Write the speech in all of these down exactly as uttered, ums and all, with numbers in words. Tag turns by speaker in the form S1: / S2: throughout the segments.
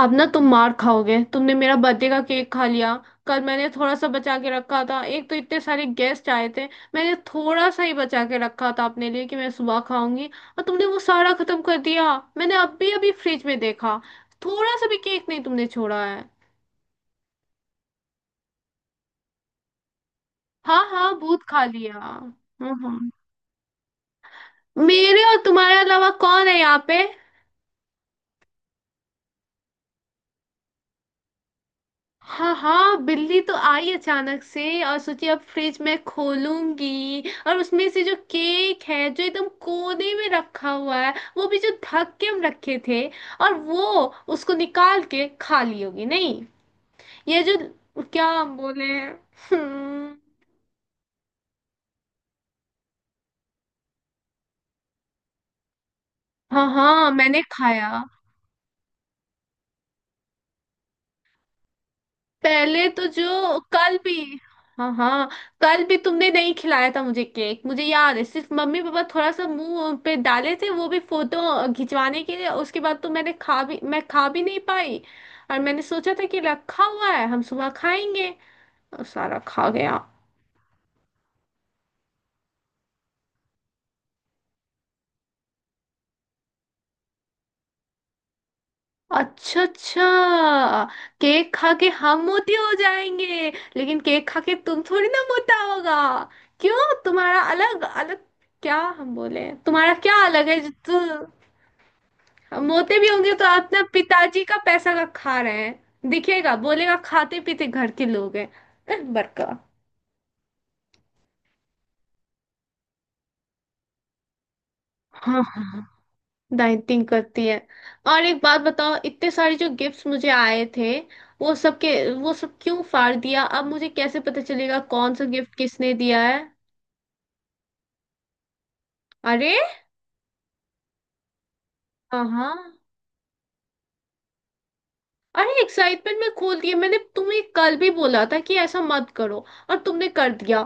S1: अब ना तुम मार खाओगे। तुमने मेरा बर्थडे का केक खा लिया। कल मैंने थोड़ा सा बचा के रखा था, एक तो इतने सारे गेस्ट आए थे। मैंने थोड़ा सा ही बचा के रखा था अपने लिए कि मैं सुबह खाऊंगी। और तुमने वो सारा खत्म कर दिया। मैंने अभी अभी फ्रिज में देखा, थोड़ा सा भी केक नहीं तुमने छोड़ा है। हाँ हाँ, भूत खा लिया। हम्म हम्म। मेरे और तुम्हारे अलावा कौन है यहाँ पे? हाँ हाँ, बिल्ली तो आई अचानक से और सोची अब फ्रिज में खोलूंगी, और उसमें से जो केक है जो एकदम कोने में रखा हुआ है, वो भी जो ढक के हम रखे थे, और वो उसको निकाल के खा ली होगी? नहीं। ये जो क्या हम बोले। हम्म। हाँ हाँ, मैंने खाया। पहले तो जो कल भी। हाँ हाँ, कल भी तुमने नहीं खिलाया था मुझे केक। मुझे याद है सिर्फ मम्मी पापा थोड़ा सा मुंह पे डाले थे, वो भी फोटो खिंचवाने के लिए। उसके बाद तो मैंने खा भी, मैं खा भी नहीं पाई। और मैंने सोचा था कि रखा हुआ है, हम सुबह खाएंगे। और सारा खा गया। अच्छा अच्छा, केक खा के हम मोटे हो जाएंगे। लेकिन केक खा के तुम थोड़ी ना मोटा होगा। क्यों तुम्हारा अलग अलग? क्या हम बोले, तुम्हारा क्या अलग है जो तू। हम मोटे भी होंगे तो अपना पिताजी का पैसा का खा रहे हैं। दिखेगा, बोलेगा खाते पीते घर के लोग हैं। अह, बड़का। हाँ, डाइटिंग करती है। और एक बात बताओ, इतने सारे जो गिफ्ट्स मुझे आए थे वो सब के वो सब क्यों फाड़ दिया? अब मुझे कैसे पता चलेगा कौन सा गिफ्ट किसने दिया है? अरे। हाँ। अरे एक्साइटमेंट में खोल दिए। मैंने तुम्हें कल भी बोला था कि ऐसा मत करो, और तुमने कर दिया।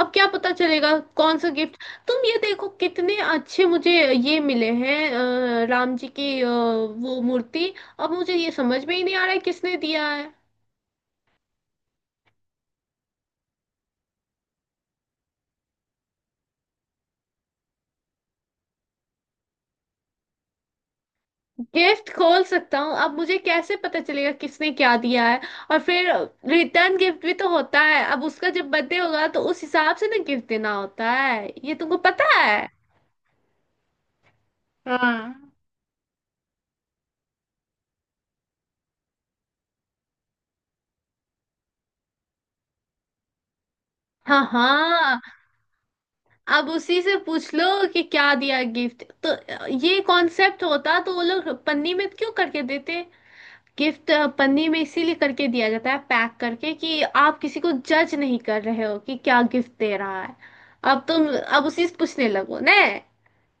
S1: अब क्या पता चलेगा कौन सा गिफ्ट? तुम ये देखो कितने अच्छे मुझे ये मिले हैं, अ, राम जी की, अ, वो मूर्ति। अब मुझे ये समझ में ही नहीं आ रहा है किसने दिया है। गिफ्ट खोल सकता हूँ, अब मुझे कैसे पता चलेगा किसने क्या दिया है? और फिर रिटर्न गिफ्ट भी तो होता है। अब उसका जब बर्थडे होगा तो उस हिसाब से ना गिफ्ट देना होता है, ये तुमको पता है? हाँ हाँ हाँ। अब उसी से पूछ लो कि क्या दिया गिफ्ट। तो ये कॉन्सेप्ट होता तो वो लोग पन्नी में क्यों करके देते गिफ्ट? पन्नी में इसीलिए करके दिया जाता है, पैक करके, कि आप किसी को जज नहीं कर रहे हो कि क्या गिफ्ट दे रहा है। अब तुम अब उसी से पूछने लगो ना।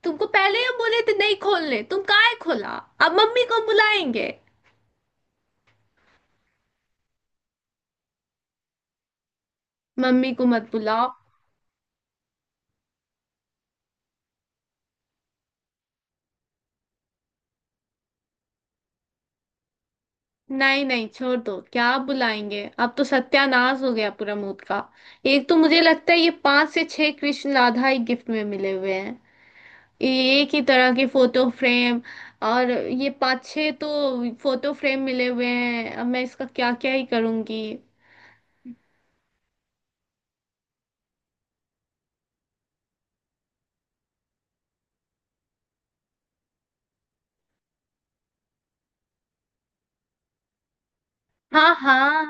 S1: तुमको पहले ही हम बोले थे नहीं खोलने, तुम काहे खोला? अब मम्मी को बुलाएंगे। मम्मी को मत बुलाओ। नहीं नहीं, छोड़ दो, क्या बुलाएंगे? अब तो सत्यानाश हो गया पूरा मूड का। एक तो मुझे लगता है ये पांच से छह कृष्ण राधा ही गिफ्ट में मिले हुए हैं, ये एक ही तरह के फोटो फ्रेम। और ये पांच छह तो फोटो फ्रेम मिले हुए हैं, अब मैं इसका क्या क्या ही करूंगी। हाँ हाँ।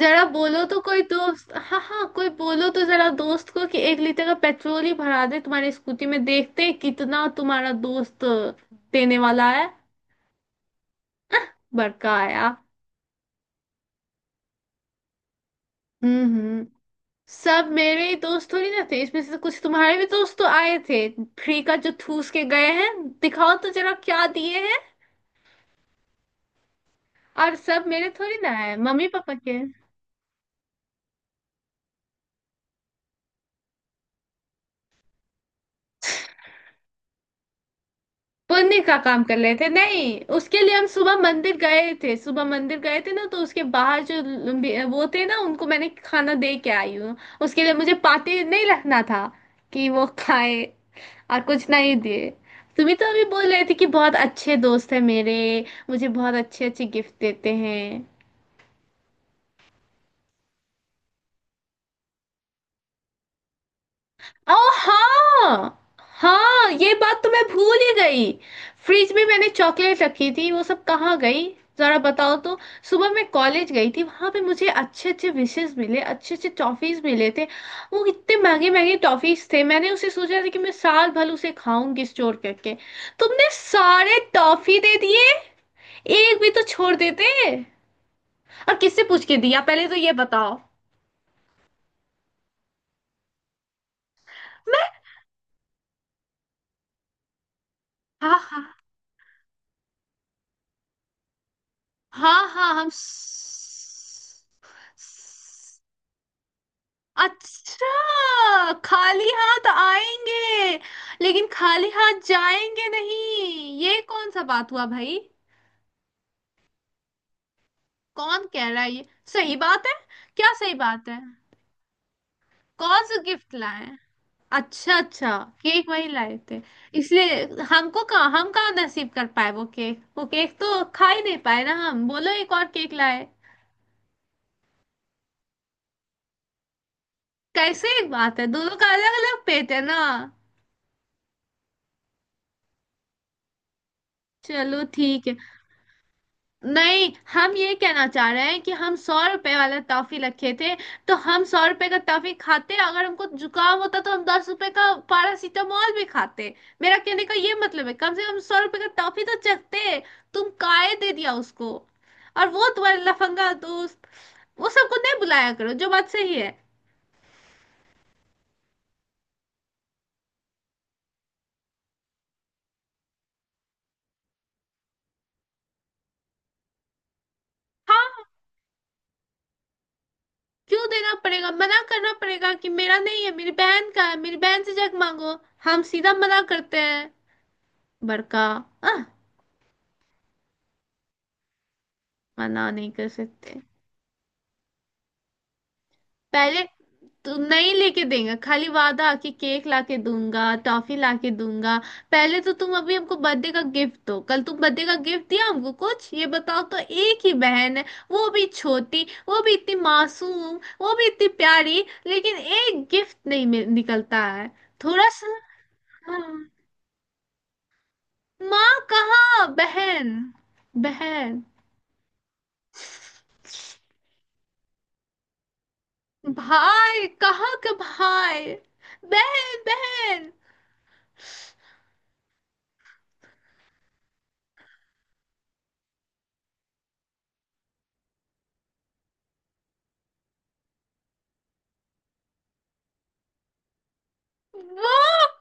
S1: जरा बोलो तो कोई दोस्त, हाँ हाँ, कोई बोलो तो जरा दोस्त को कि एक लीटर का पेट्रोल ही भरा दे तुम्हारी स्कूटी में, देखते हैं कितना तुम्हारा दोस्त देने वाला है। बड़का आया। हम्म। सब मेरे ही दोस्त थोड़ी ना थे, इसमें से तो कुछ तुम्हारे भी दोस्त तो आए थे। फ्री का जो ठूस के गए हैं, दिखाओ तो जरा क्या दिए हैं। और सब मेरे थोड़ी ना है, मम्मी पापा के। पुण्य का काम कर रहे थे। नहीं, उसके लिए हम सुबह मंदिर गए थे। सुबह मंदिर गए थे ना, तो उसके बाहर जो लंबी- वो थे ना, उनको मैंने खाना दे के आई हूँ। उसके लिए मुझे पाते नहीं रखना था कि वो खाए। और कुछ नहीं दिए। तुम ही तो अभी बोल रहे थे कि बहुत अच्छे दोस्त हैं मेरे, मुझे बहुत अच्छे अच्छे गिफ्ट देते हैं। ओ हाँ। हाँ, ये बात तो मैं भूल ही गई। फ्रिज में मैंने चॉकलेट रखी थी, वो सब कहाँ गई? जरा बताओ तो। सुबह मैं कॉलेज गई थी, वहां पे मुझे अच्छे अच्छे विशेस मिले, अच्छे अच्छे टॉफीज मिले थे। वो इतने महंगे महंगे टॉफीज थे, मैंने उसे सोचा था कि मैं साल भर उसे खाऊंगी स्टोर करके। तुमने सारे टॉफी दे दिए। एक भी तो छोड़ देते। और किससे पूछ के दिया पहले तो ये बताओ। मैं। हाँ हाँ। हाँ हाँ। हम स- स- अच्छा, खाली हाथ आएंगे लेकिन खाली हाथ जाएंगे नहीं, ये कौन सा बात हुआ भाई? कौन कह रहा है ये सही बात है? क्या सही बात है? कौन सा गिफ्ट लाए? अच्छा अच्छा, केक वही लाए थे? इसलिए हमको कहाँ, हम कहाँ नसीब कर पाए वो केक? वो केक तो खा ही नहीं पाए ना हम, बोलो। एक और केक लाए। कैसे एक बात है? दोनों का अलग अलग पेट है ना। चलो ठीक है। नहीं, हम ये कहना चाह रहे हैं कि हम सौ रुपए वाला टॉफी रखे थे। तो हम सौ रुपए का टॉफी खाते, अगर हमको जुकाम होता तो हम दस रुपए का पैरासीटामोल भी खाते। मेरा कहने का ये मतलब है कम से कम सौ रुपए का टॉफी तो चखते। तुम काहे दे दिया उसको? और वो तुम्हारे लफंगा दोस्त, वो सबको नहीं बुलाया करो, जो बात सही है। हाँ। क्यों देना पड़ेगा? मना करना पड़ेगा कि मेरा नहीं है, मेरी बहन का है, मेरी बहन से जग मांगो। हम सीधा मना करते हैं। बड़का। मना नहीं कर सकते? पहले। तू नहीं लेके देगा, खाली वादा कि केक लाके दूंगा, टॉफी लाके दूंगा। पहले तो तुम अभी हमको बर्थडे का गिफ्ट दो, कल तुम बर्थडे का गिफ्ट दिया हमको कुछ? ये बताओ तो। एक ही बहन है, वो भी छोटी, वो भी इतनी मासूम, वो भी इतनी प्यारी, लेकिन एक गिफ्ट नहीं मिल- निकलता है थोड़ा सा। हाँ, माँ कहाँ, बहन। बहन। भाई कहाँ का भाई? बहन बहन। वो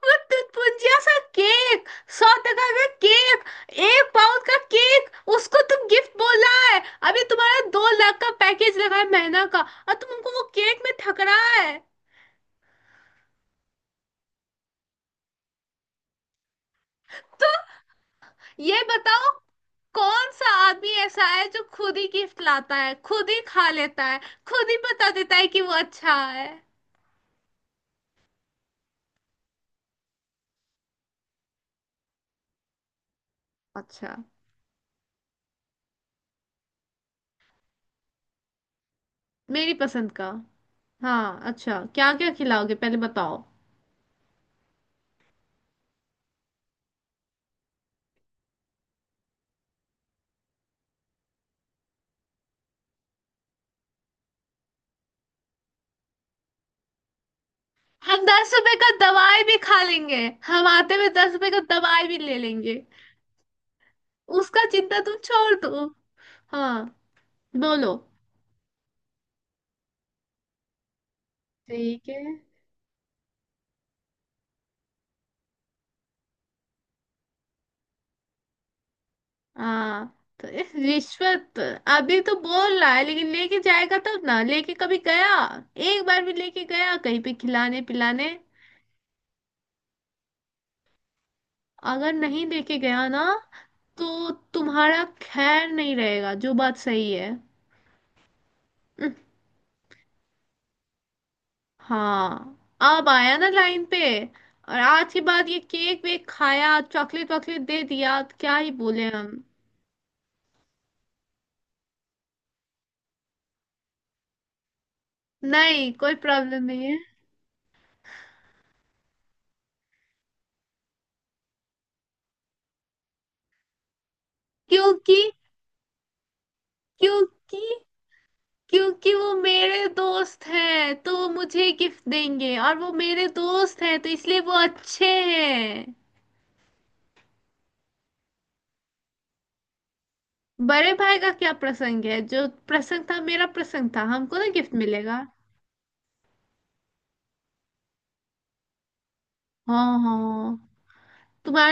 S1: वो तुतपुंजिया सा केक, सौ टका का केक, एक पाउंड का केक, उसको तुम गिफ्ट बोल रहा है? अभी तुम्हारा दो लाख का पैकेज लगा है महीना का, और तुम हमको वो केक में ठग रहा है? ये बताओ, कौन सा आदमी ऐसा है जो खुद ही गिफ्ट लाता है, खुद ही खा लेता है, खुद ही बता देता है कि वो अच्छा है। अच्छा। मेरी पसंद का। हाँ, अच्छा क्या क्या खिलाओगे पहले बताओ। हम दस रुपए का दवाई भी खा लेंगे। हम आते हुए दस रुपए का दवाई भी ले लेंगे। उसका चिंता तुम छोड़ दो। हाँ। बोलो। ठीक है। हाँ। तो इस रिश्वत। अभी तो बोल रहा है, लेकिन लेके जाएगा तब ना, लेके कभी गया? एक बार भी लेके गया कहीं पे खिलाने पिलाने? अगर नहीं लेके गया ना, तो तुम्हारा खैर नहीं रहेगा, जो बात सही है। हाँ, अब आया ना लाइन पे। और आज के बाद ये केक वेक खाया, चॉकलेट वॉकलेट दे दिया, तो क्या ही बोले हम। नहीं, कोई प्रॉब्लम नहीं है। क्योंकि क्योंकि क्योंकि वो मेरे दोस्त हैं तो वो मुझे गिफ्ट देंगे, और वो मेरे दोस्त हैं तो इसलिए वो अच्छे हैं। बड़े भाई का क्या प्रसंग है? जो प्रसंग था मेरा प्रसंग था, हमको ना गिफ्ट मिलेगा। हाँ हाँ हाँ। तुम्हारे